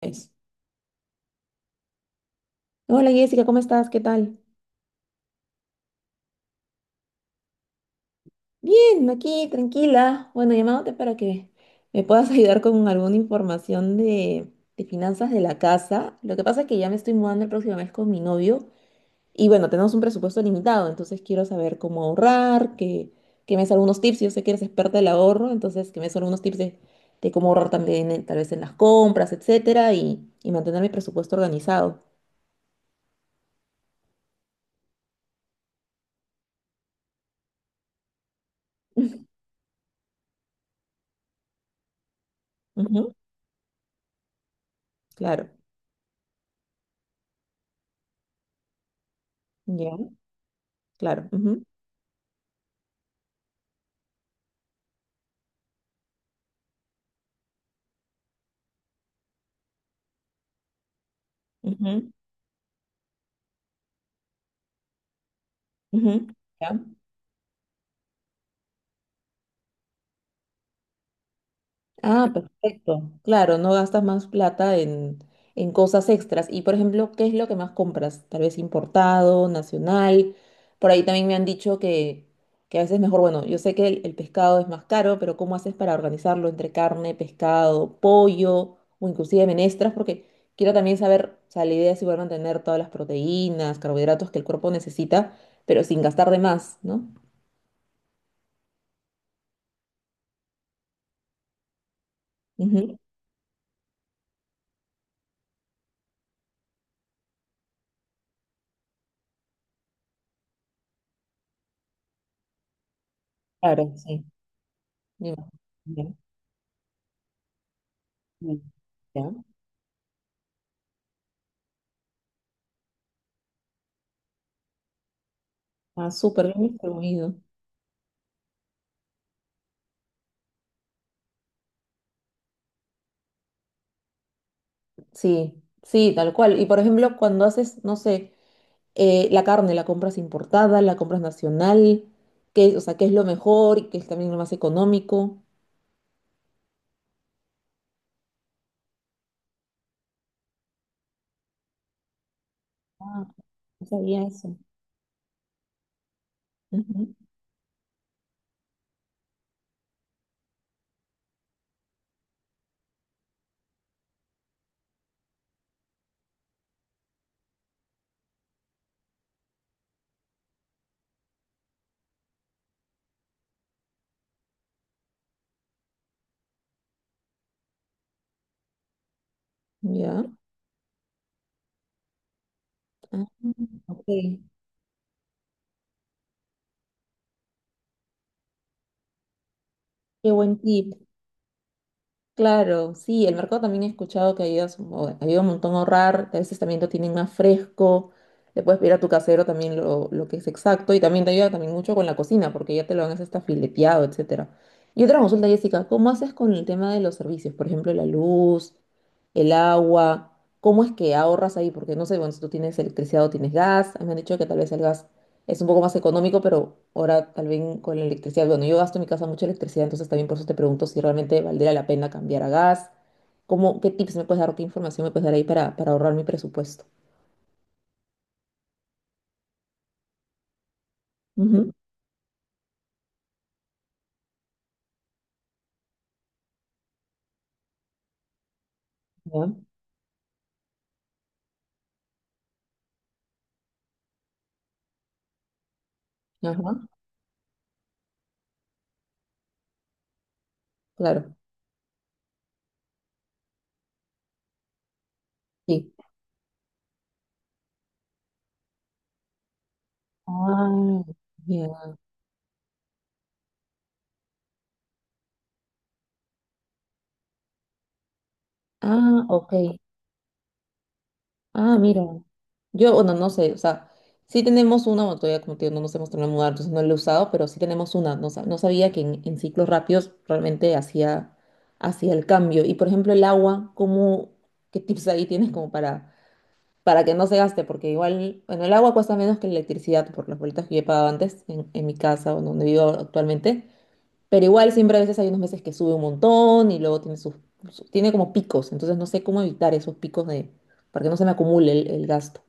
Eso. Hola, Jessica, ¿cómo estás? ¿Qué tal? Bien, aquí tranquila. Bueno, llamándote para que me puedas ayudar con alguna información de finanzas de la casa. Lo que pasa es que ya me estoy mudando el próximo mes con mi novio y bueno, tenemos un presupuesto limitado, entonces quiero saber cómo ahorrar, que me des algunos tips. Yo sé que eres experta del ahorro, entonces que me des algunos tips de cómo ahorrar también, tal vez en las compras, etcétera, y mantener mi presupuesto organizado. Ujú, claro, ya, claro. Ujú, ujú. Ujú. ¿Ya? Ah, perfecto. Claro, no gastas más plata en cosas extras. Y por ejemplo, ¿qué es lo que más compras? Tal vez importado, nacional. Por ahí también me han dicho que a veces mejor, bueno, yo sé que el pescado es más caro, pero ¿cómo haces para organizarlo entre carne, pescado, pollo o inclusive menestras? Porque quiero también saber, o sea, la idea es igual mantener todas las proteínas, carbohidratos que el cuerpo necesita, pero sin gastar de más, ¿no? Ujú. Claro, sí. Dime. Mm. Ya. Ah, súper bien distribuido. Sí, sí, tal cual. Y por ejemplo, cuando haces, no sé, la carne, la compras importada, la compras nacional, qué, o sea, qué es lo mejor y qué es también lo más económico. Ah, no sabía eso. Ujú. Ya. Ah, ok. Qué buen tip. Claro, sí, el mercado también he escuchado que ayuda, ayuda un montón a ahorrar, que a veces también lo tienen más fresco, le puedes pedir a tu casero también lo que es exacto y también te ayuda también mucho con la cocina porque ya te lo dan hasta fileteado, etcétera. Y otra consulta, Jessica, ¿cómo haces con el tema de los servicios? Por ejemplo, la luz, el agua, ¿cómo es que ahorras ahí? Porque no sé, bueno, si tú tienes electricidad o tienes gas, me han dicho que tal vez el gas es un poco más económico, pero ahora tal vez con la electricidad. Bueno, yo gasto en mi casa mucha electricidad, entonces también por eso te pregunto si realmente valdría la pena cambiar a gas. ¿Cómo, qué tips me puedes dar o qué información me puedes dar ahí para ahorrar mi presupuesto? Ujú. Ya, ajá, claro. Sí. Ah, ya. Ah, ok. Ah, mira. Yo, bueno, no sé, o sea, sí tenemos una, bueno, todavía como te digo, no nos hemos terminado de mudar, entonces no la he usado, pero sí tenemos una. No, no sabía que en ciclos rápidos realmente hacía el cambio. Y por ejemplo, el agua, ¿cómo, qué tips ahí tienes como para que no se gaste? Porque igual, bueno, el agua cuesta menos que la electricidad por las vueltas que yo he pagado antes en mi casa o donde vivo actualmente. Pero igual siempre a veces hay unos meses que sube un montón y luego tiene tiene como picos, entonces no sé cómo evitar esos picos para que no se me acumule el gasto.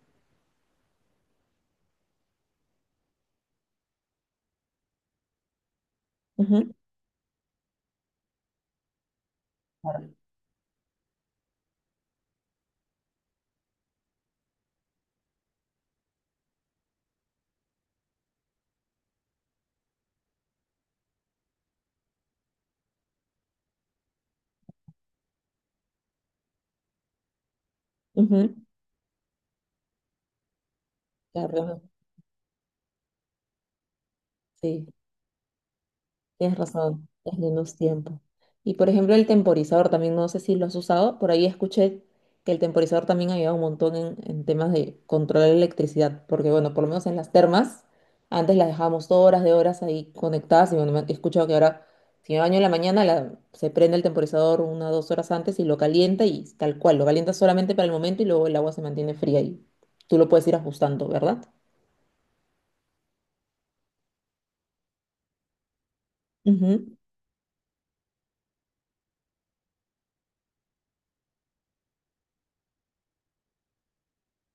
Ujú. Claro. Ujú. Claro, sí. Tienes razón, es menos tiempo. Y por ejemplo, el temporizador también, no sé si lo has usado, por ahí escuché que el temporizador también ayuda un montón en temas de controlar la electricidad, porque bueno, por lo menos en las termas, antes las dejábamos horas de horas ahí conectadas y bueno, he escuchado que ahora, si me baño en la mañana, se prende el temporizador una o 2 horas antes y lo calienta y tal cual, lo calienta solamente para el momento y luego el agua se mantiene fría y tú lo puedes ir ajustando, ¿verdad? Ujú.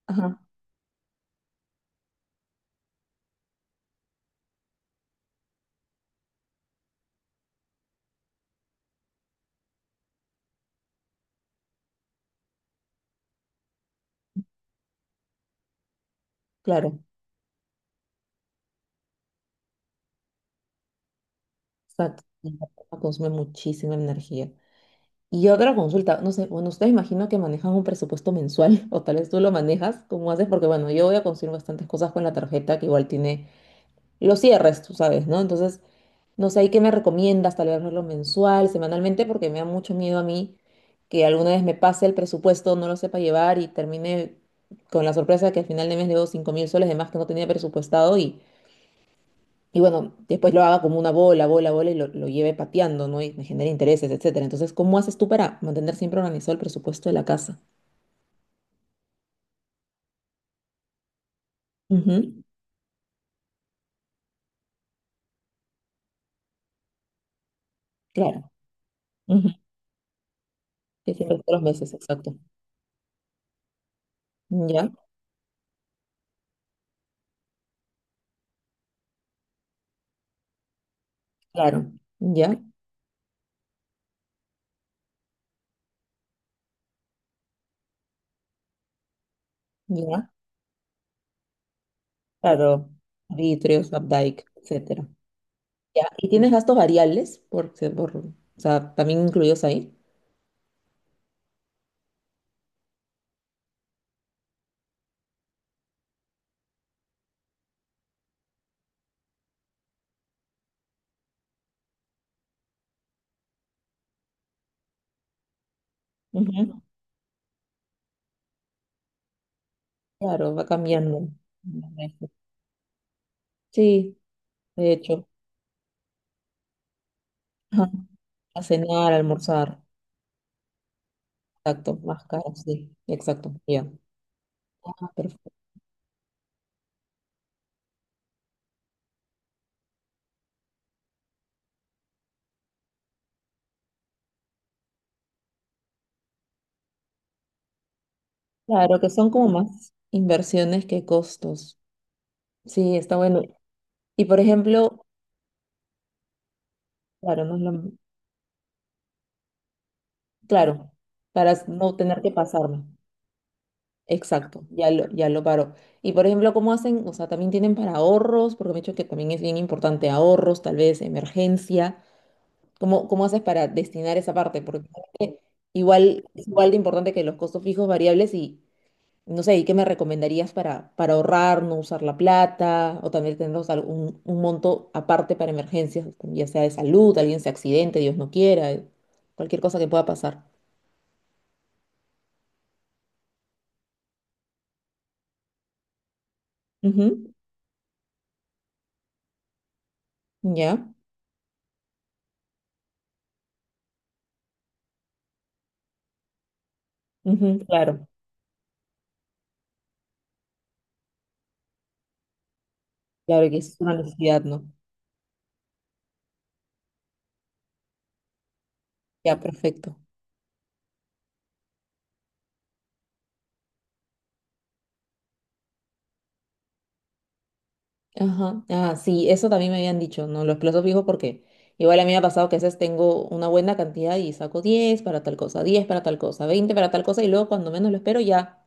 Ajá, claro. Exacto, consume muchísima energía. Y otra consulta, no sé, bueno, ustedes imagino que manejan un presupuesto mensual, o tal vez tú lo manejas, ¿cómo haces? Porque bueno, yo voy a consumir bastantes cosas con la tarjeta que igual tiene los cierres, tú sabes, ¿no? Entonces, no sé, ¿y qué me recomiendas? Tal vez hacerlo mensual, semanalmente, porque me da mucho miedo a mí que alguna vez me pase el presupuesto, no lo sepa llevar y termine con la sorpresa de que al final de mes debo 5000 soles de más que no tenía presupuestado y bueno, después lo haga como una bola, bola, bola y lo lleve pateando, ¿no? Y me genera intereses, etcétera. Entonces, ¿cómo haces tú para mantener siempre organizado el presupuesto de la casa? Ujú, claro. Ujú, que siempre todos los meses, exacto. Ya, claro. Ya, ya, claro. Arbitrios, Updike, etcétera. Ya. ¿Y tienes gastos variables? O sea, también incluidos ahí. Ujú, claro, va cambiando. Sí, de hecho. Ajá. A cenar, a almorzar. Exacto, más caras, sí, exacto, ya. Ah, perfecto. Claro, que son como más inversiones que costos. Sí, está bueno. Y por ejemplo, claro, no es lo- claro, para no tener que pasarme. Exacto, ya lo paro. Y por ejemplo, ¿cómo hacen? O sea, también tienen para ahorros, porque me he dicho que también es bien importante ahorros, tal vez emergencia. ¿ cómo haces para destinar esa parte? Porque creo que igual es igual de importante que los costos fijos variables y no sé, ¿y qué me recomendarías para ahorrar, no usar la plata o también tener un monto aparte para emergencias, ya sea de salud, alguien se accidente, Dios no quiera, cualquier cosa que pueda pasar? Ujú. Ya, ujú, claro. Claro que sí, es una necesidad, ¿no? Ya, perfecto. Ajá, ah, sí, eso también me habían dicho, ¿no? Los plazos fijos, porque igual a mí me ha pasado que a veces tengo una buena cantidad y saco 10 para tal cosa, 10 para tal cosa, 20 para tal cosa y luego cuando menos lo espero ya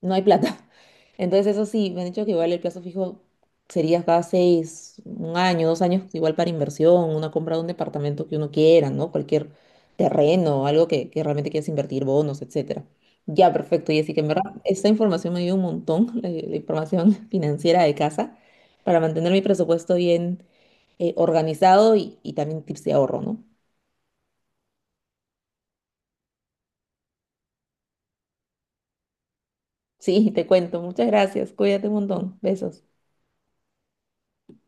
no hay plata. Entonces eso sí, me han dicho que igual el plazo fijo sería cada 6, un año, 2 años, igual para inversión, una compra de un departamento que uno quiera, ¿no? Cualquier terreno, algo que realmente quieras invertir, bonos, etcétera. Ya, perfecto, y así que en verdad esta información me dio un montón, la información financiera de casa para mantener mi presupuesto bien, organizado, y también tips de ahorro, ¿no? Sí, te cuento. Muchas gracias. Cuídate un montón. Besos.